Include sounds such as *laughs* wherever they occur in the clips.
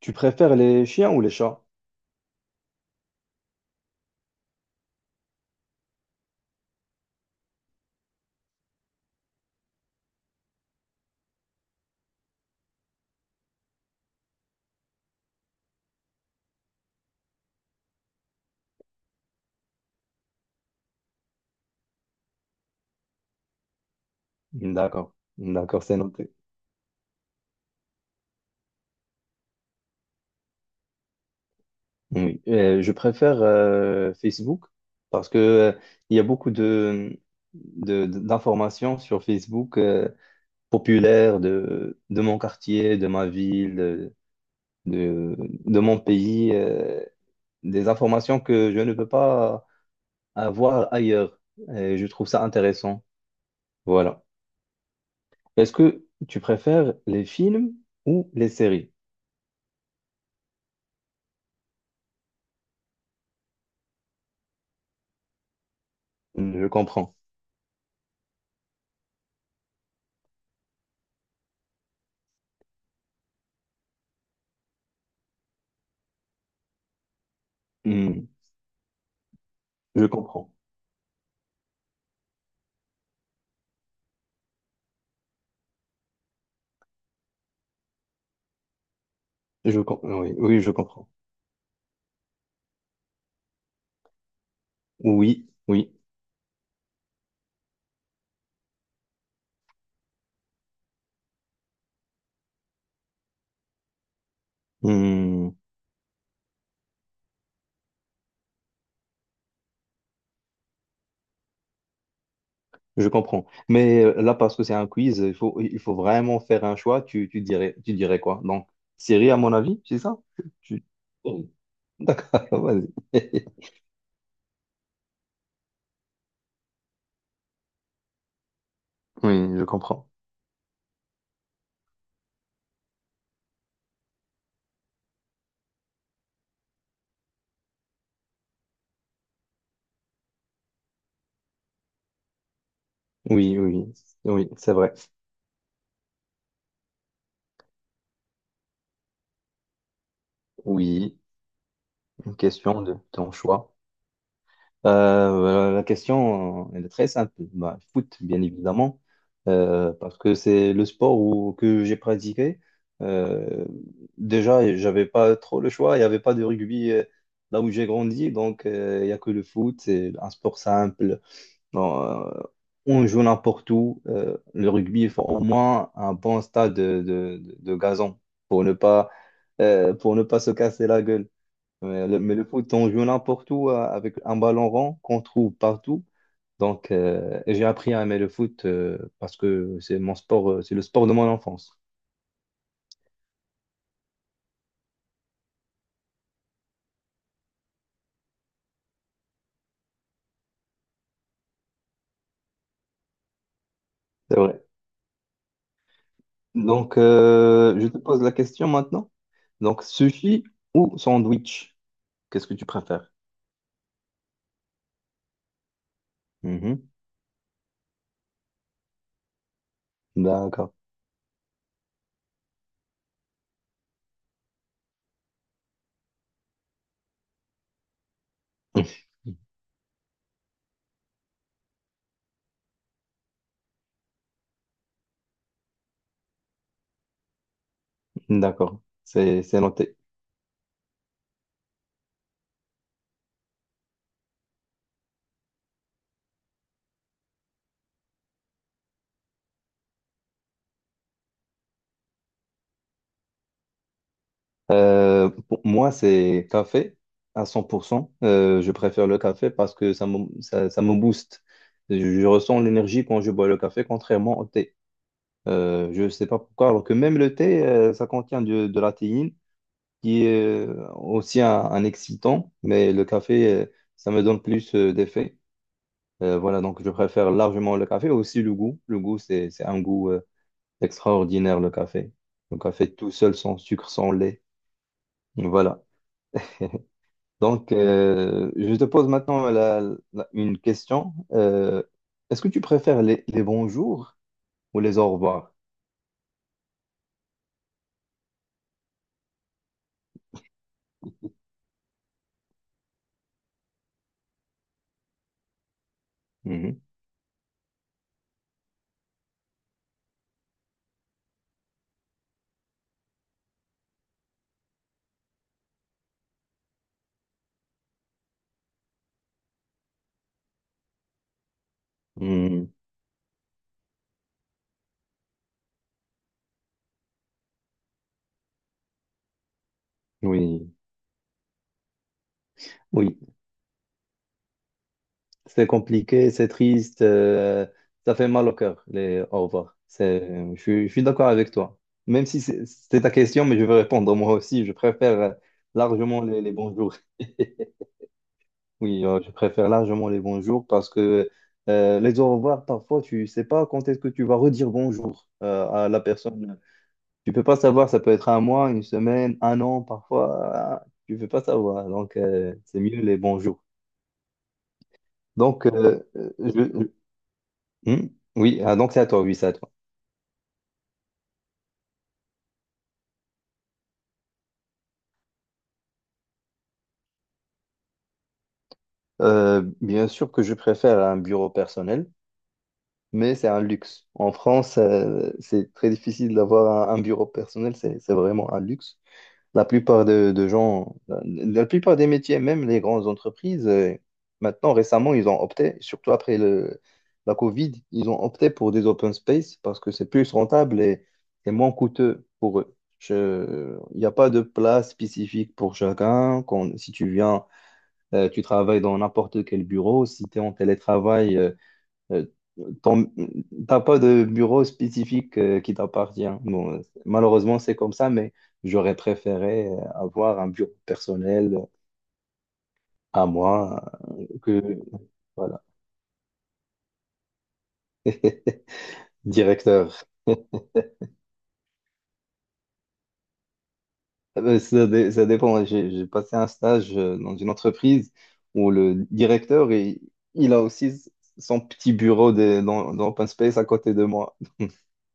Tu préfères les chiens ou les chats? D'accord, d'accord, c'est noté. Oui. Je préfère Facebook parce que il y a beaucoup d'informations sur Facebook populaires de mon quartier, de ma ville, de, de mon pays, des informations que je ne peux pas avoir ailleurs. Et je trouve ça intéressant. Voilà. Est-ce que tu préfères les films ou les séries? Je comprends. Hmm, je comprends. Ah oui, oui, je comprends. Oui, oui, hmm, je comprends. Mais là, parce que c'est un quiz, il faut vraiment faire un choix. Tu dirais quoi? Donc, Siri, à mon avis, c'est ça? Tu. Oui. *laughs* vas-y. *laughs* Oui, je comprends. Oui, oui, oui, c'est vrai. Oui, une question de ton choix. La question, elle est très simple. Bah, foot, bien évidemment, parce que c'est le sport que j'ai pratiqué. Euh, déjà, j'avais pas trop le choix. Il n'y avait pas de rugby là où j'ai grandi, donc il n'y a que le foot. C'est un sport simple. Bon, on joue n'importe où. Le rugby, il faut au moins un bon stade de gazon pour ne pas, pour ne pas se casser la gueule. Mais le foot, on joue n'importe où avec un ballon rond qu'on trouve partout. Donc, et j'ai appris à aimer le foot parce que c'est mon sport, c'est le sport de mon enfance. C'est vrai. Donc, je te pose la question maintenant. Donc, sushi ou sandwich, qu'est-ce que tu préfères? Mhm. D'accord. *laughs* D'accord. C'est noté. Pour moi, c'est café à 100%. Je préfère le café parce que ça me booste. Je ressens l'énergie quand je bois le café, contrairement au thé. Je ne sais pas pourquoi, alors que même le thé, ça contient de la théine, qui est aussi un excitant, mais le café, ça me donne plus d'effet. Voilà, donc je préfère largement le café, aussi le goût. Le goût, c'est un goût extraordinaire, le café. Le café tout seul, sans sucre, sans lait. Voilà. Donc, je te pose maintenant une question. Est-ce que tu préfères les bonjours ou les au revoir? Mhm. Mhm. Oui, oui. C'est compliqué, c'est triste, ça fait mal au cœur, les au revoir. C'est, je suis d'accord avec toi. Même si c'est ta question, mais je vais répondre moi aussi. Je préfère largement les bonjours. *laughs* Oui, je préfère largement les bonjours parce que les au revoir, parfois, tu sais pas quand est-ce que tu vas redire bonjour à la personne. Tu peux pas savoir, ça peut être un mois, une semaine, un an, parfois, tu peux pas savoir. Donc, c'est mieux les bonjours. Donc, hmm oui, ah, donc c'est à toi, oui, c'est à toi. Bien sûr que je préfère un bureau personnel, mais c'est un luxe. En France, c'est très difficile d'avoir un bureau personnel, c'est vraiment un luxe. La plupart de gens, la plupart des métiers, même les grandes entreprises, maintenant, récemment, ils ont opté, surtout après la Covid, ils ont opté pour des open space parce que c'est plus rentable et moins coûteux pour eux. Il n'y a pas de place spécifique pour chacun. Si tu viens, tu travailles dans n'importe quel bureau. Si tu es en télétravail, euh, ton- T'as pas de bureau spécifique qui t'appartient. Bon, malheureusement, c'est comme ça, mais j'aurais préféré avoir un bureau personnel à moi que, voilà, *laughs* directeur. Ça dépend. J'ai passé un stage dans une entreprise où le directeur, il a aussi son petit bureau dans Open Space à côté de moi.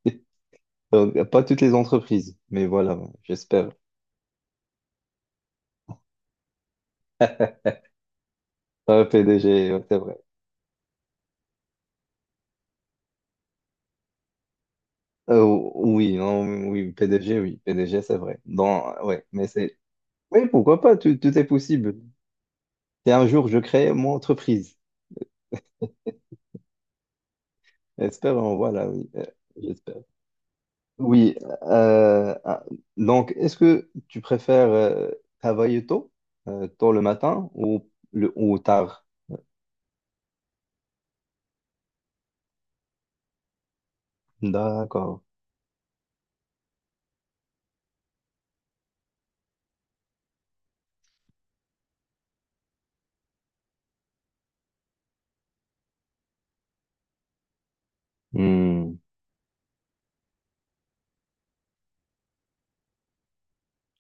*laughs* Donc, pas toutes les entreprises, mais voilà, j'espère. Ah, PDG, ouais, c'est vrai. Euh, oui, non, oui, PDG, oui, PDG, c'est vrai. Ouais, mais c'est, oui, pourquoi pas, tout est possible. Et un jour, je crée mon entreprise. Espérons, voilà, oui, j'espère. Oui, ah, donc, est-ce que tu préfères travailler tôt, tôt le matin ou tard? D'accord. Hmm,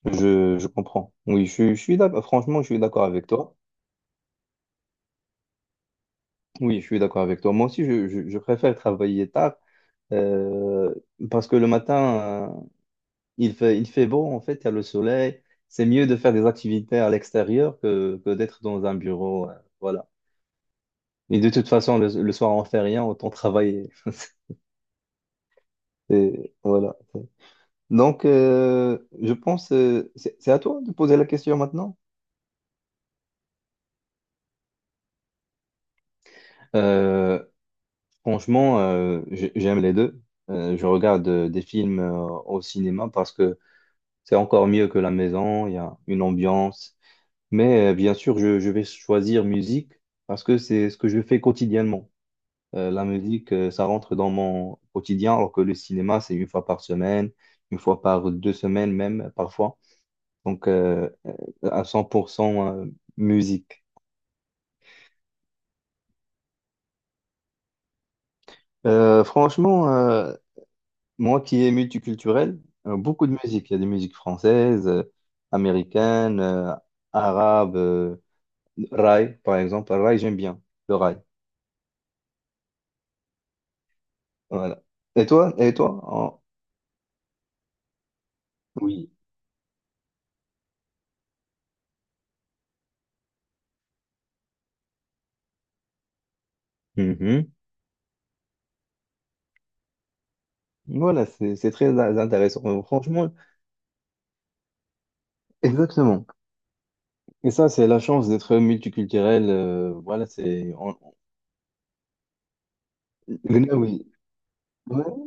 je comprends. Oui, je suis d'accord. Franchement, je suis d'accord avec toi. Oui, je suis d'accord avec toi. Moi aussi, je préfère travailler tard Euh, parce que le matin, il fait beau, en fait, il y a le soleil. C'est mieux de faire des activités à l'extérieur que d'être dans un bureau. Voilà. Et de toute façon, le soir, on fait rien, autant travailler. *laughs* Et voilà. Donc, je pense, c'est à toi de poser la question maintenant. Euh, franchement, j'aime les deux. Je regarde des films au cinéma parce que c'est encore mieux que la maison. Il y a une ambiance. Mais bien sûr, je vais choisir musique parce que c'est ce que je fais quotidiennement. La musique, ça rentre dans mon quotidien, alors que le cinéma, c'est une fois par semaine, une fois par deux semaines même, parfois. Donc, à 100% musique. Franchement, moi qui est multiculturel, beaucoup de musique. Il y a des musiques françaises, américaines, arabes, raï, par exemple. Raï, j'aime bien, le raï. Voilà. Et toi? Et toi? Oui. Mhm. Voilà, c'est très intéressant. Franchement, exactement. Et ça, c'est la chance d'être multiculturel. Voilà. Gnawi. Ouais.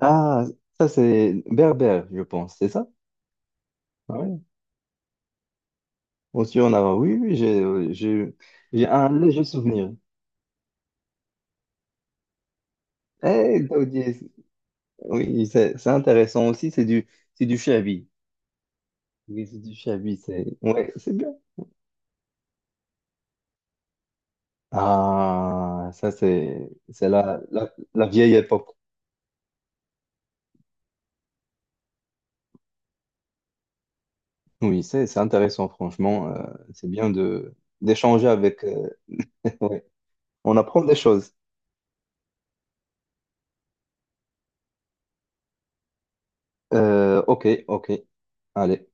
Ah, ça, c'est berbère, je pense, c'est ça? Ouais. Aussi, on a. Oui, oui, j'ai un léger souvenir. Eh, Daoudi, oui, c'est intéressant aussi. C'est du shabi. Oui, c'est du shabi. C'est ouais, c'est bien. Ah, ça, c'est la, vieille époque. Oui, c'est intéressant, franchement. C'est bien de d'échanger avec. On apprend des choses. Ok, ok. Allez.